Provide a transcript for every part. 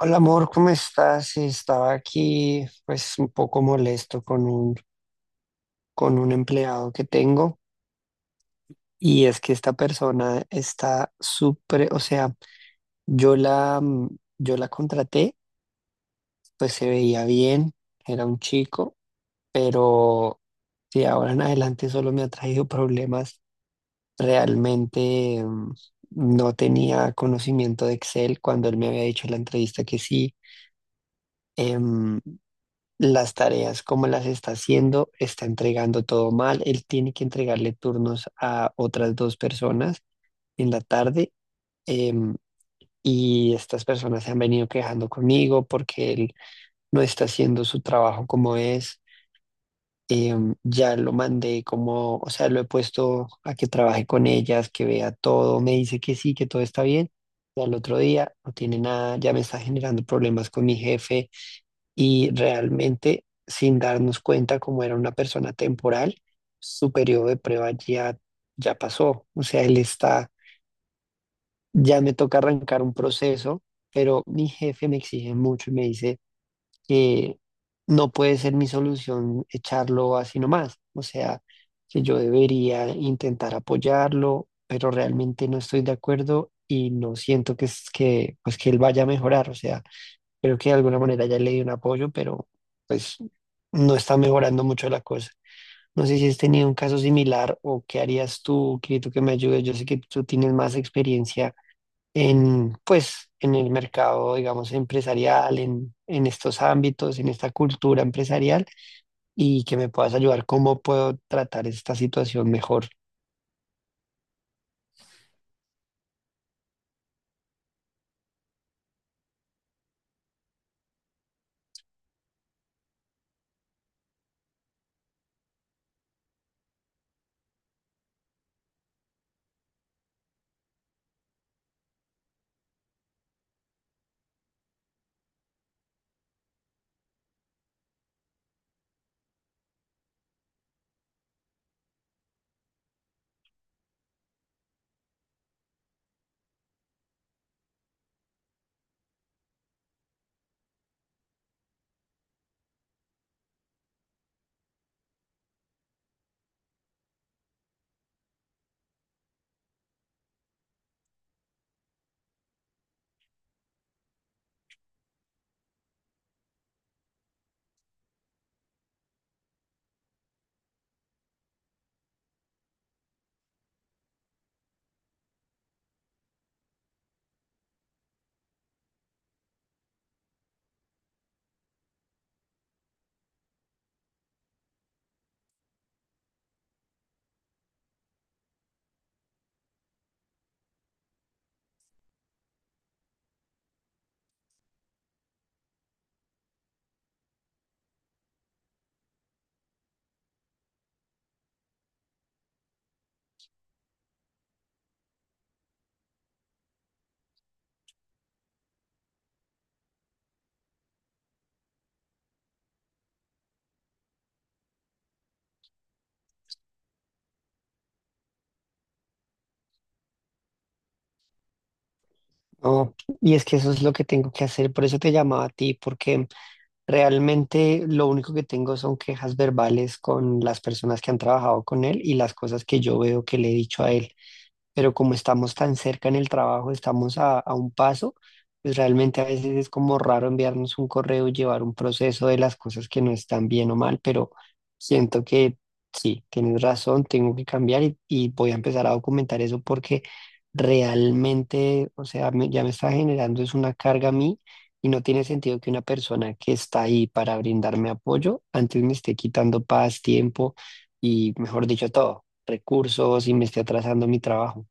Hola amor, ¿cómo estás? Estaba aquí, pues, un poco molesto con un empleado que tengo. Y es que esta persona está súper, o sea, yo la, mm, yo la contraté. Pues se veía bien, era un chico, pero de ahora en adelante solo me ha traído problemas. Realmente, no tenía conocimiento de Excel cuando él me había dicho en la entrevista que sí. em, las tareas, cómo las está haciendo, está entregando todo mal. Él tiene que entregarle turnos a otras dos personas en la tarde, em, y estas personas se han venido quejando conmigo porque él no está haciendo su trabajo como es. Ya lo mandé como, o sea, lo he puesto a que trabaje con ellas, que vea todo, me dice que sí, que todo está bien. Y al otro día no tiene nada, ya me está generando problemas con mi jefe. Y realmente, sin darnos cuenta, como era una persona temporal, su periodo de prueba ya, ya pasó. O sea, él está, ya me toca arrancar un proceso, pero mi jefe me exige mucho y me dice que no puede ser mi solución echarlo así nomás. O sea, que yo debería intentar apoyarlo, pero realmente no estoy de acuerdo y no siento que, que, pues, que él vaya a mejorar. O sea, creo que de alguna manera ya le di un apoyo, pero pues no está mejorando mucho la cosa. No sé si has tenido un caso similar o qué harías tú, Quirito, que me ayudes. Yo sé que tú tienes más experiencia en, pues, en el mercado, digamos, empresarial, en estos ámbitos, en esta cultura empresarial, y que me puedas ayudar cómo puedo tratar esta situación mejor. No, y es que eso es lo que tengo que hacer. Por eso te llamaba a ti, porque realmente lo único que tengo son quejas verbales con las personas que han trabajado con él y las cosas que yo veo que le he dicho a él. Pero como estamos tan cerca en el trabajo, estamos a un paso, pues realmente a veces es como raro enviarnos un correo y llevar un proceso de las cosas que no están bien o mal. Pero siento que sí, tienes razón, tengo que cambiar, y voy a empezar a documentar eso, porque realmente, o sea, ya me está generando es una carga a mí. Y no tiene sentido que una persona que está ahí para brindarme apoyo antes me esté quitando paz, tiempo y, mejor dicho, todo, recursos, y me esté atrasando mi trabajo.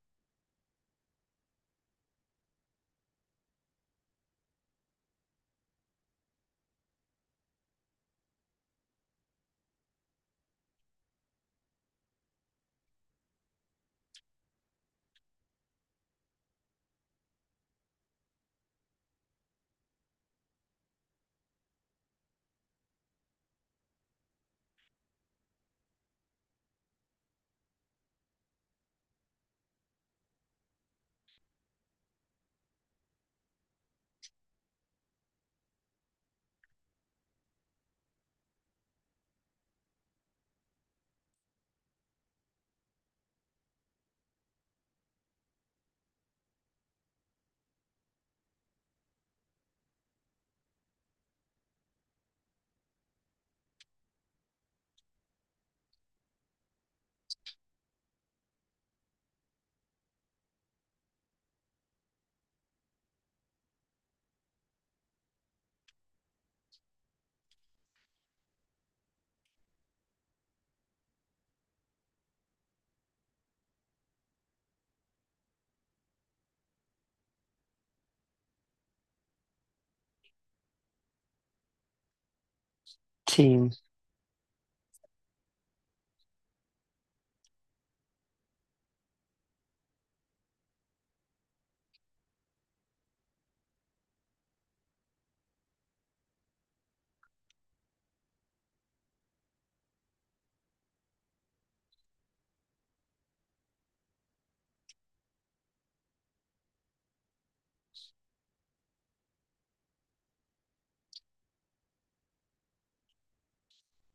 Sí,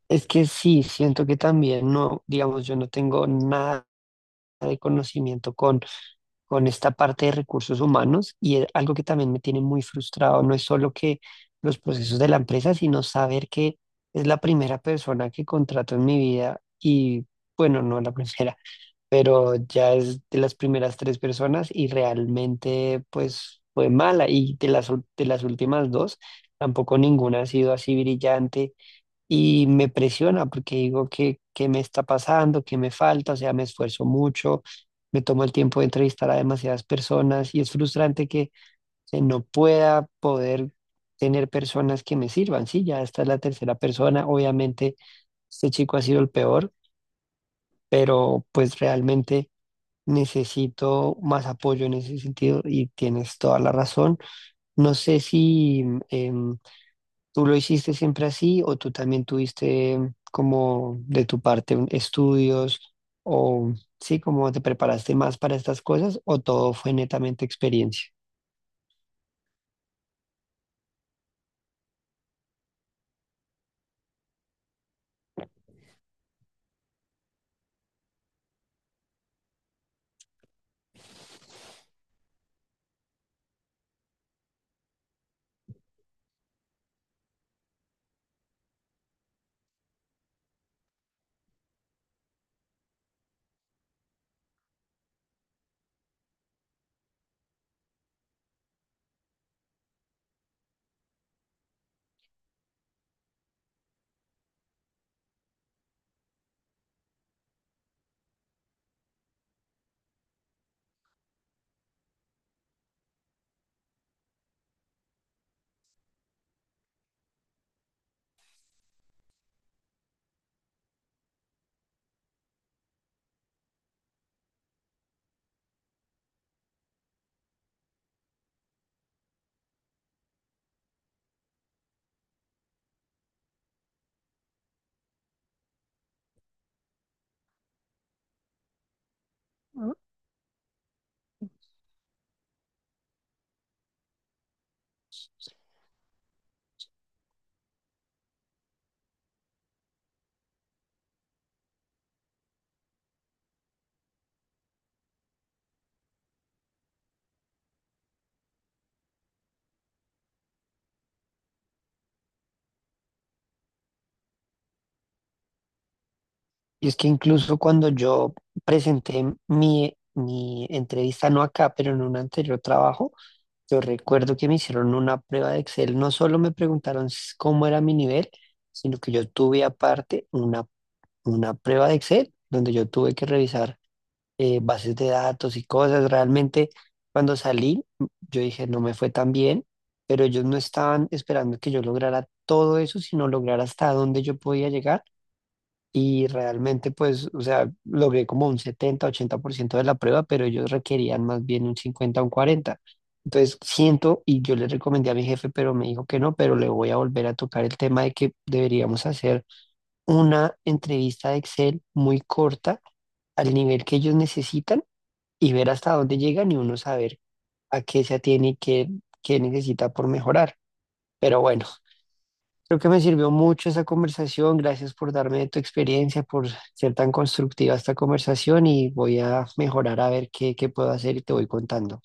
es que sí, siento que también no, digamos, yo no tengo nada de conocimiento con esta parte de recursos humanos, y es algo que también me tiene muy frustrado. No es solo que los procesos de la empresa, sino saber que es la primera persona que contrato en mi vida. Y bueno, no la primera, pero ya es de las primeras tres personas, y realmente pues fue mala, y de las, de las últimas dos, tampoco ninguna ha sido así brillante. Y me presiona, porque digo que, qué me está pasando, qué me falta. O sea, me esfuerzo mucho, me tomo el tiempo de entrevistar a demasiadas personas, y es frustrante que no pueda poder tener personas que me sirvan. Sí, ya esta es la tercera persona. Obviamente este chico ha sido el peor, pero pues realmente... Necesito más apoyo en ese sentido, y tienes toda la razón. No sé si em, ¿tú lo hiciste siempre así o tú también tuviste, como de tu parte, estudios, o sí, como te preparaste más para estas cosas, o todo fue netamente experiencia? Y es que incluso cuando yo presenté mi, mi entrevista, no acá, pero en un anterior trabajo, yo recuerdo que me hicieron una prueba de Excel. No solo me preguntaron cómo era mi nivel, sino que yo tuve aparte una prueba de Excel donde yo tuve que revisar bases de datos y cosas. Realmente cuando salí, yo dije, no me fue tan bien, pero ellos no estaban esperando que yo lograra todo eso, sino lograr hasta dónde yo podía llegar. Y realmente, pues, o sea, logré como un 70, 80% de la prueba, pero ellos requerían más bien un 50, un 40. Entonces, siento, y yo le recomendé a mi jefe, pero me dijo que no, pero le voy a volver a tocar el tema de que deberíamos hacer una entrevista de Excel muy corta, al nivel que ellos necesitan, y ver hasta dónde llegan, y uno saber a qué se atiene y qué, qué necesita por mejorar. Pero bueno, creo que me sirvió mucho esa conversación. Gracias por darme de tu experiencia, por ser tan constructiva esta conversación, y voy a mejorar, a ver qué, qué puedo hacer, y te voy contando.